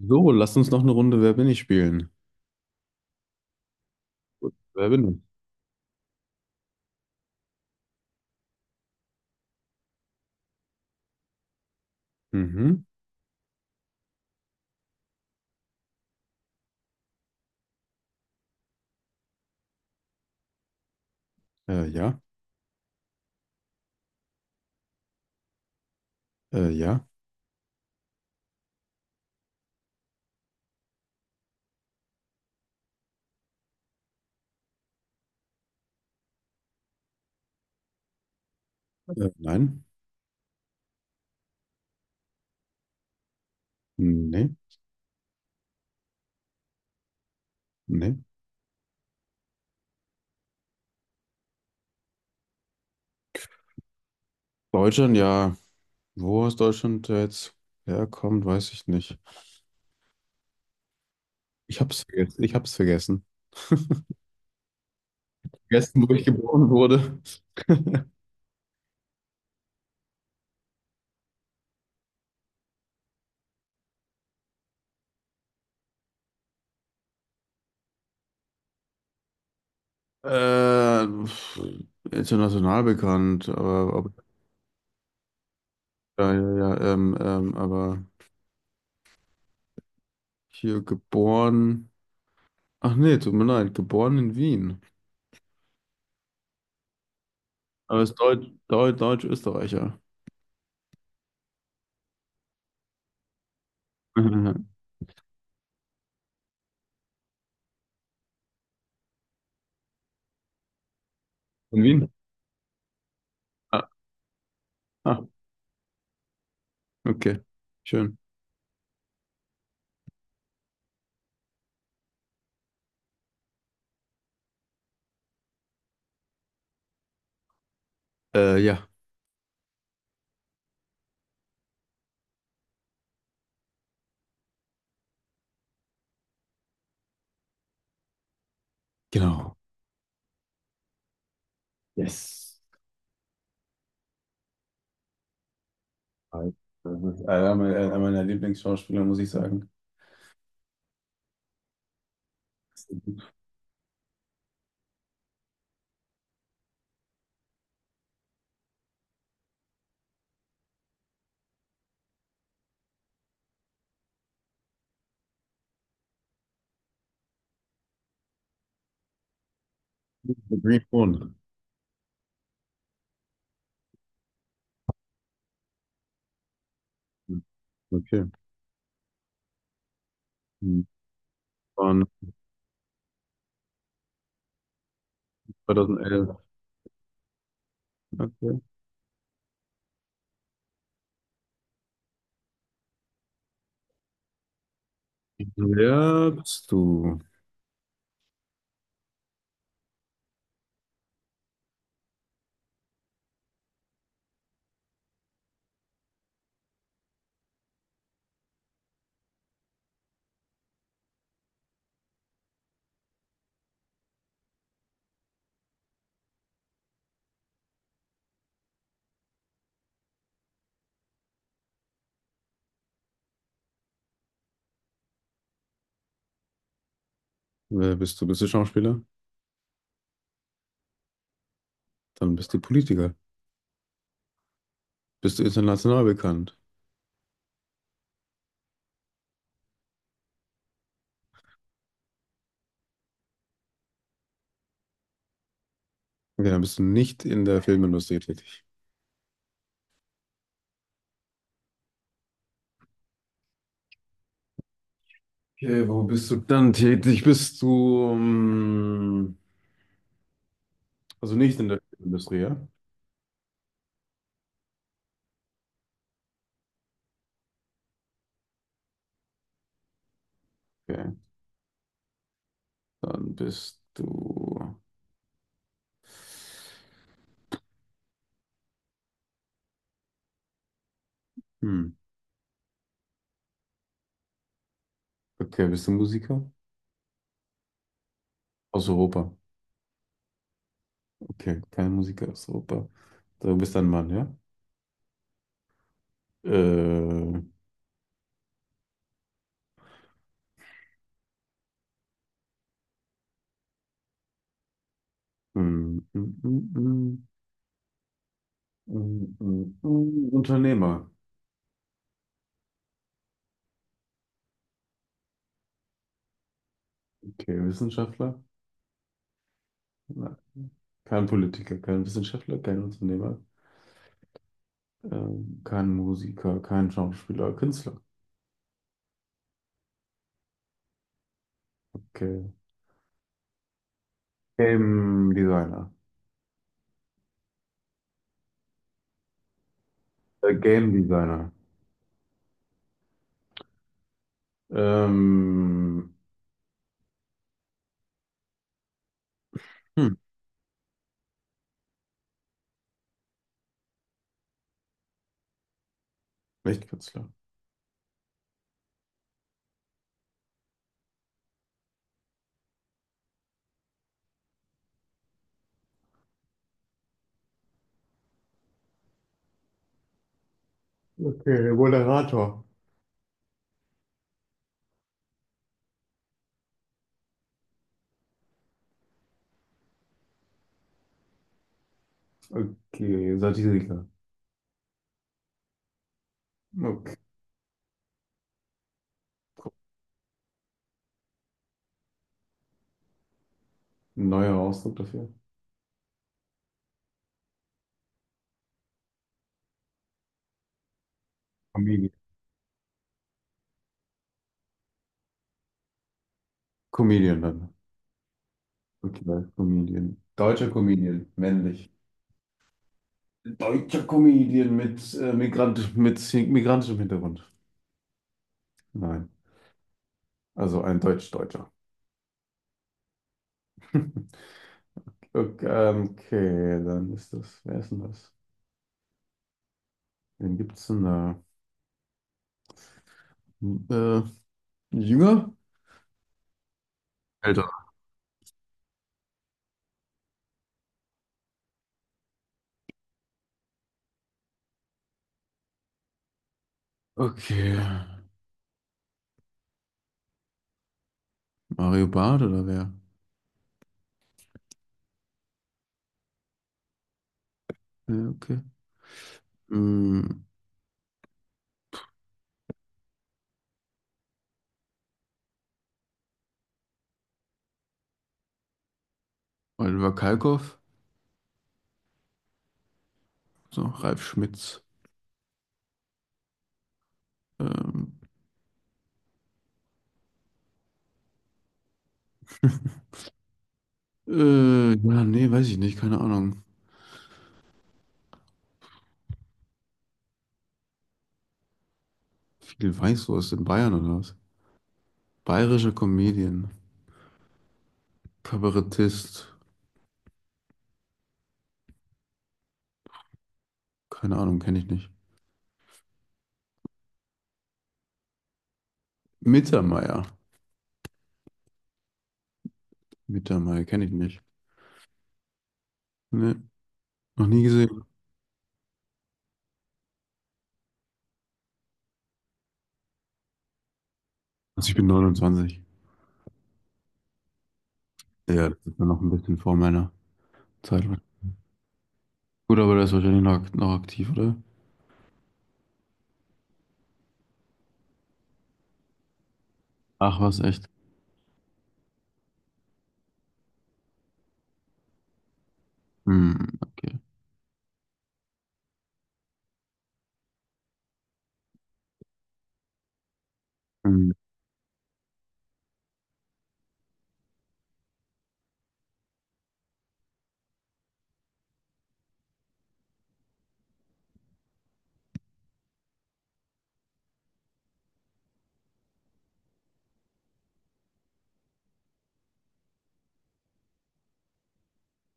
So, lass uns noch eine Runde Wer bin ich spielen. Gut, wer bin ich? Mhm. Äh, ja, äh, ja, nein, nee, nee. Deutschland, ja. Wo aus Deutschland jetzt herkommt, weiß ich nicht. Ich hab's vergessen. Ich hab's vergessen. Vergessen, wo ich geboren wurde. Äh, pf, international bekannt, aber ja, ja, ja, aber hier geboren. Ach nee, tut mir leid, geboren in Wien. Aber ist Deutsch, Deutsch, Deutsch-Österreicher. Von Wien? Ah, ah, okay. Schön. Ja, genau. Yes. Das ist einer meiner Lieblingsschauspieler, muss ich sagen. The Green Phone. Okay. Hm. Von 2011. Okay. Wer bist du? Wer bist du? Bist du Schauspieler? Dann bist du Politiker. Bist du international bekannt? Okay, dann bist du nicht in der Filmindustrie tätig. Okay, wo bist du dann tätig? Bist du, also nicht in der Filmindustrie, ja? Okay. Dann bist du. Hm. Okay, bist du Musiker? Aus Europa. Okay, kein Musiker aus Europa. So, du bist ein Mann, ja? Äh, hm, hm, hm, hm, hm. Unternehmer. Okay, Wissenschaftler? Nein. Kein Politiker, kein Wissenschaftler, kein Unternehmer, kein Musiker, kein Schauspieler, Künstler. Okay. Game Designer. Game Designer. Ähm, hm, nicht Künstler. Okay, Moderator. Okay, Satiriker. Okay, ein neuer Ausdruck dafür. Comedian. Comedian dann. Okay, Comedian. Deutscher Comedian, männlich. Deutscher Comedian mit, Migrant, mit migrantischem Hintergrund. Nein, also ein Deutsch-Deutscher. Okay, okay, dann ist das, wer ist denn das? Wen gibt's denn da? Äh, jünger? Älter. Okay, Mario Barth oder wer? Ja, okay. Hm, Oliver Kalkoff? So, Ralf Schmitz. Ähm, ja, nee, weiß ich nicht, keine Ahnung. Viel Weißwurst in Bayern oder was? Bayerischer Comedian, Kabarettist, keine Ahnung, kenne ich nicht. Mittermeier. Mittermeier kenne ich nicht. Nee, noch nie gesehen. Also ich bin 29. Ja, das ist ja noch ein bisschen vor meiner Zeit. Gut, aber der ist wahrscheinlich noch aktiv, oder? Ach, was, echt? Hm, okay. Hm,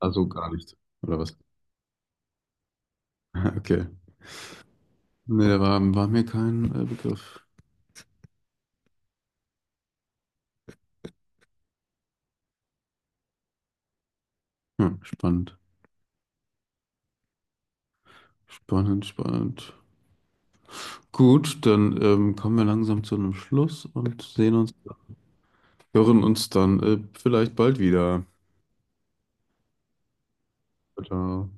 also gar nicht, oder was? Okay. Nee, da war mir kein Begriff. Hm, spannend. Spannend, spannend. Gut, dann kommen wir langsam zu einem Schluss und sehen uns, hören uns dann vielleicht bald wieder. Ciao.